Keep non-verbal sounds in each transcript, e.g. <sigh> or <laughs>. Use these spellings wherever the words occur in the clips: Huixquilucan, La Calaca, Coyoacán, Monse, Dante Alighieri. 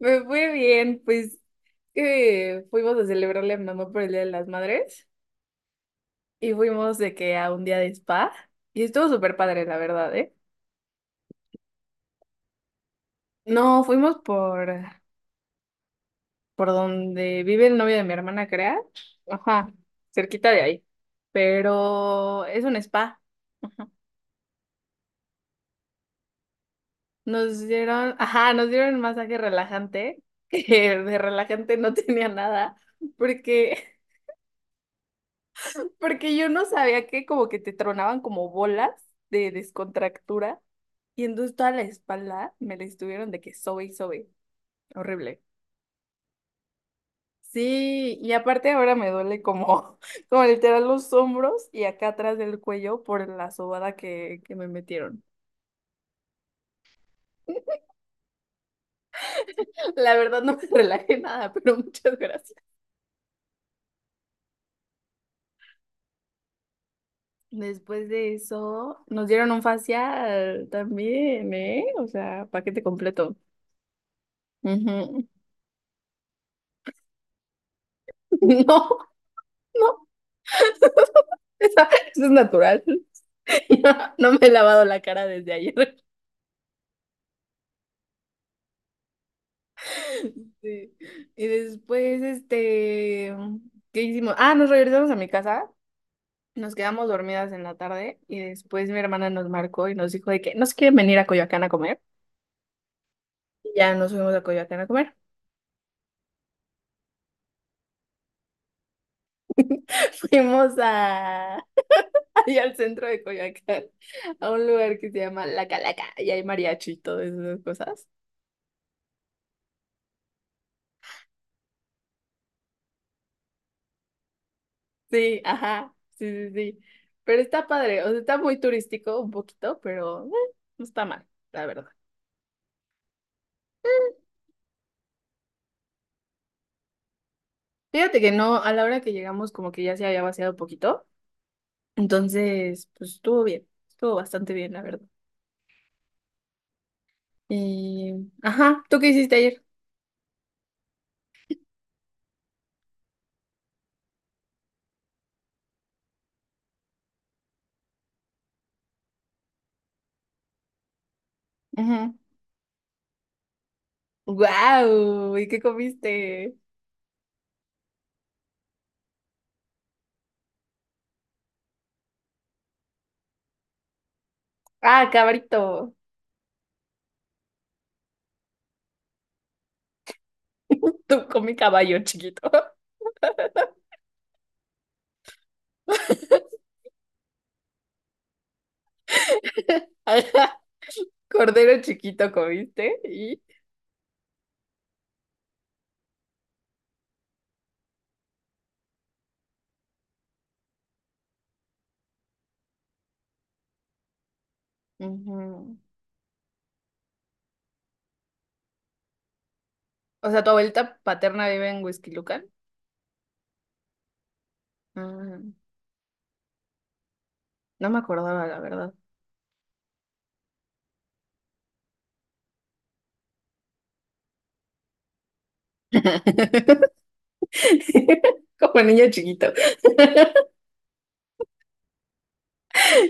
Me fue bien, pues que fuimos a celebrarle a mi mamá por el Día de las Madres y fuimos de que a un día de spa y estuvo súper padre, la verdad, ¿eh? No, fuimos por donde vive el novio de mi hermana, crea. Ajá, cerquita de ahí. Pero es un spa. Ajá. Nos dieron, ajá, nos dieron un masaje relajante, <laughs> que de relajante no tenía nada, porque porque yo no sabía que como que te tronaban como bolas de descontractura y entonces toda la espalda me la estuvieron de que sobe y sobe. Horrible. Sí, y aparte ahora me duele como, <laughs> como literal los hombros y acá atrás del cuello por la sobada que me metieron. <laughs> La verdad no me relajé nada, pero <laughs> muchas gracias. Después de eso, nos dieron un facial también, ¿eh? O sea, paquete completo. Ujú. <laughs> No, no, <laughs> Esa- Eso es natural. <laughs> No me he lavado la cara desde ayer. Sí. Y después, este, ¿qué hicimos? Ah, nos regresamos a mi casa, nos quedamos dormidas en la tarde y después mi hermana nos marcó y nos dijo de que nos quieren venir a Coyoacán a comer. Y ya nos fuimos a Coyoacán a comer. <laughs> Fuimos a, allá al centro de Coyoacán, a un lugar que se llama La Calaca y hay mariachi y todas esas cosas. Sí, ajá, sí, sí, sí. Pero está padre, o sea, está muy turístico un poquito, pero no está mal, la verdad. Fíjate que no, a la hora que llegamos como que ya se había vaciado un poquito, entonces pues estuvo bien, estuvo bastante bien, la verdad. Y, ajá, ¿tú qué hiciste ayer? Ajá. Guau, ¿y qué comiste? Ah, cabrito. Tú comí caballo chiquito. <laughs> Ajá, cordero chiquito comiste y... Ujú. O sea, tu abuelita paterna vive en Huixquilucan. Ah, no me acordaba, la verdad. <laughs> Como niño chiquito.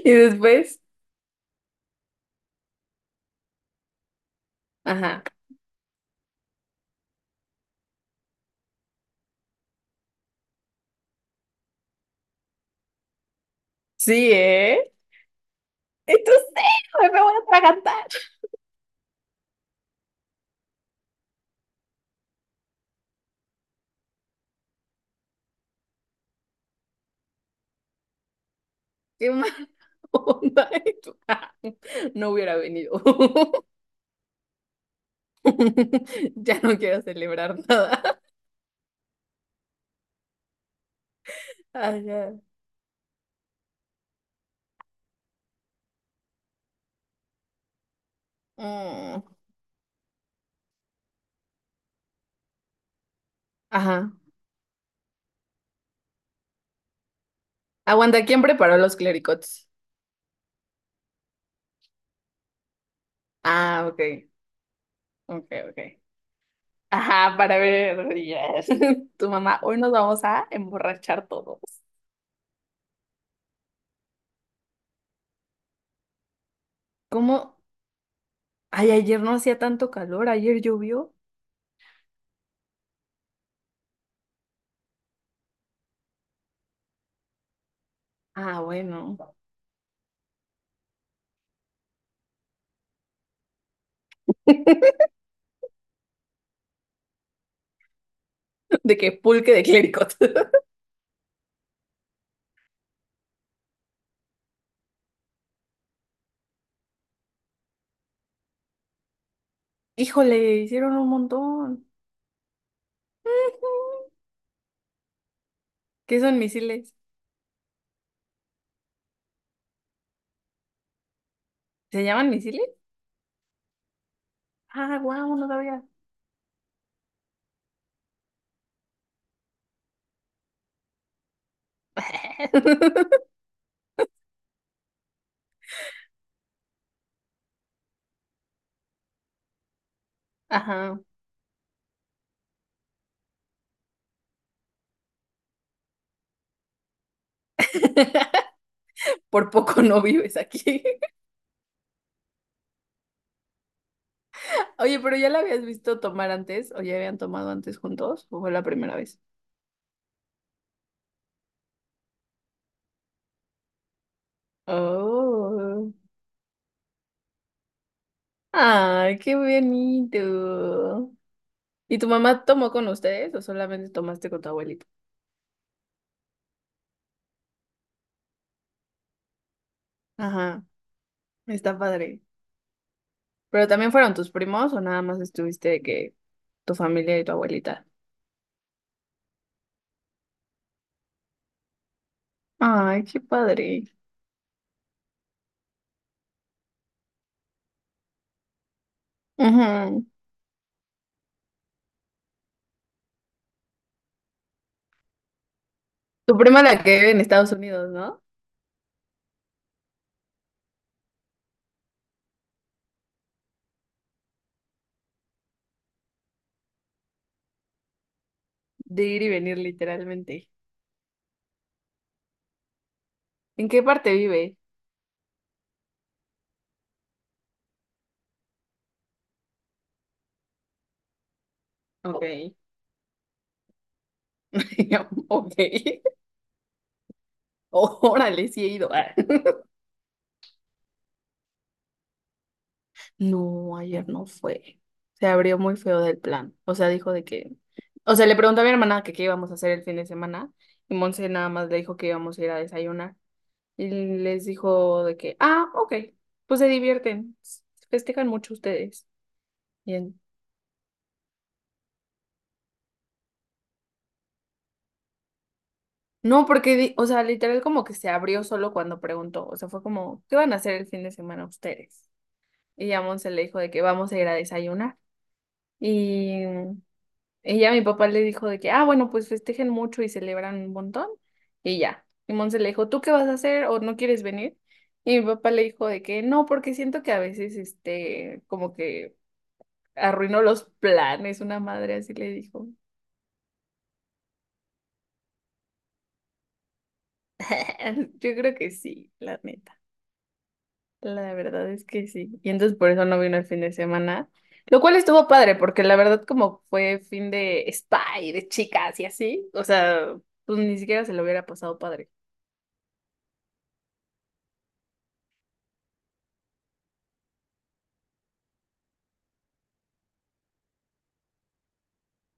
Y después, ajá. Sí, ¿eh? Entonces, me voy a atragantar. Qué mala onda. <laughs> tú, ah, no hubiera venido. <laughs> Ya no quiero celebrar nada. Ajá. Mm. Ajá. Aguanta, ¿quién preparó los clericots? Ah, ok. Ok, ok. Ajá, para ver. Yes. <laughs> Tu mamá, hoy nos vamos a emborrachar todos. ¿Cómo? Ay, ayer no hacía tanto calor, ayer llovió. Ah, bueno. <laughs> De que pulque de clérigos. <laughs> Híjole, hicieron un montón. ¿Qué son misiles? ¿Se llaman misiles? Ah, guau, no sabía. <laughs> Ajá, por poco no vives aquí. <laughs> Oye, pero ¿ya la habías visto tomar antes? ¿O ya habían tomado antes juntos? ¿O fue la primera vez? Oh, ay, qué bonito. ¿Y tu mamá tomó con ustedes o solamente tomaste con tu abuelito? Ajá. Está padre. ¿Pero también fueron tus primos o nada más estuviste de que tu familia y tu abuelita? Ay, qué padre. Ujú. Tu prima la que vive en Estados Unidos, ¿no? De ir y venir literalmente. ¿En qué parte vive? Ok. <laughs> Ok. Órale, sí he ido. <laughs> Ah. No, ayer no fue. Se abrió muy feo del plan. O sea, dijo de que... O sea, le preguntó a mi hermana que qué íbamos a hacer el fin de semana y Monse nada más le dijo que íbamos a ir a desayunar. Y les dijo de que, ah, ok, pues se divierten, festejan mucho ustedes. Bien. No, porque, o sea, literal como que se abrió solo cuando preguntó, o sea, fue como, ¿qué van a hacer el fin de semana ustedes? Y a Monse le dijo de que vamos a ir a desayunar. Y, ya mi papá le dijo de que, ah, bueno, pues festejen mucho y celebran un montón. Y ya. Y Monse le dijo, ¿tú qué vas a hacer o no quieres venir? Y mi papá le dijo de que no, porque siento que a veces, este, como que arruinó los planes, una madre así le dijo. <laughs> Yo creo que sí, la neta. La verdad es que sí. Y entonces por eso no vino el fin de semana, lo cual estuvo padre, porque la verdad como fue fin de spa y de chicas y así, o sea, pues ni siquiera se lo hubiera pasado padre.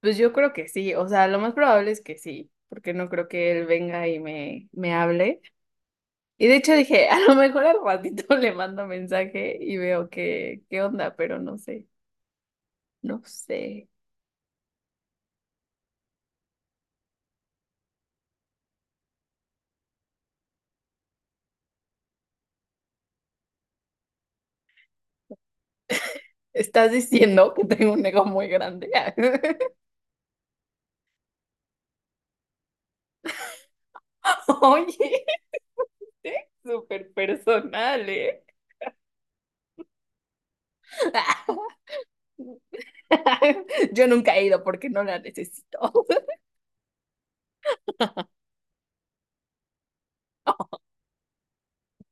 Pues yo creo que sí, o sea, lo más probable es que sí, porque no creo que él venga y me hable. Y de hecho dije, <laughs> a lo mejor al ratito le mando mensaje y veo que, qué onda, pero no sé, no sé. Estás diciendo que tengo un ego muy grande. <laughs> Oye, este, súper personal, ¿eh? <laughs> Yo nunca he ido porque no la necesito. <laughs>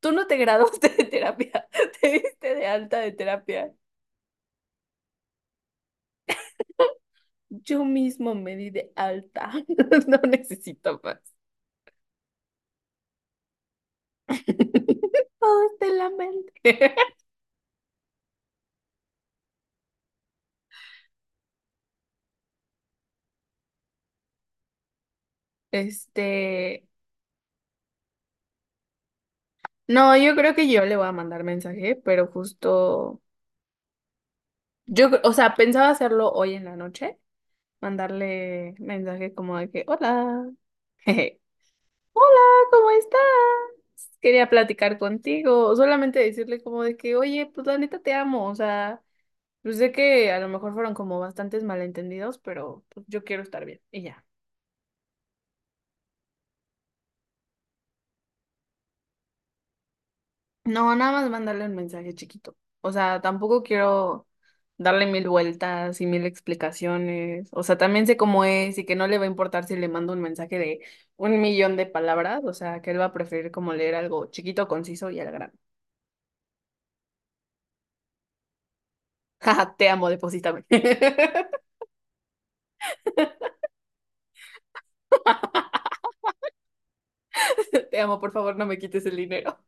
Tú no te graduaste de terapia, <laughs> te diste de alta de terapia. Yo mismo me di de alta. <laughs> No necesito más. <laughs> Todo está en la mente. <laughs> Este, no, yo creo que yo le voy a mandar mensaje, pero justo, yo, o sea, pensaba hacerlo hoy en la noche mandarle mensaje como de que, hola, jeje, hola, ¿cómo estás? Quería platicar contigo, o solamente decirle como de que, oye, pues la neta te amo, o sea, yo sé que a lo mejor fueron como bastantes malentendidos, pero pues, yo quiero estar bien, y ya. No, nada más mandarle un mensaje chiquito. O sea, tampoco quiero darle mil vueltas y mil explicaciones. O sea, también sé cómo es y que no le va a importar si le mando un mensaje de un millón de palabras. O sea, que él va a preferir como leer algo chiquito, conciso y al grano. <laughs> Jaja, te amo, deposítame. <laughs> Te amo, por favor, no me quites el dinero.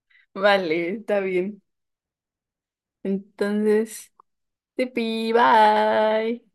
<laughs> Vale, está bien. Entonces, tipi, bye.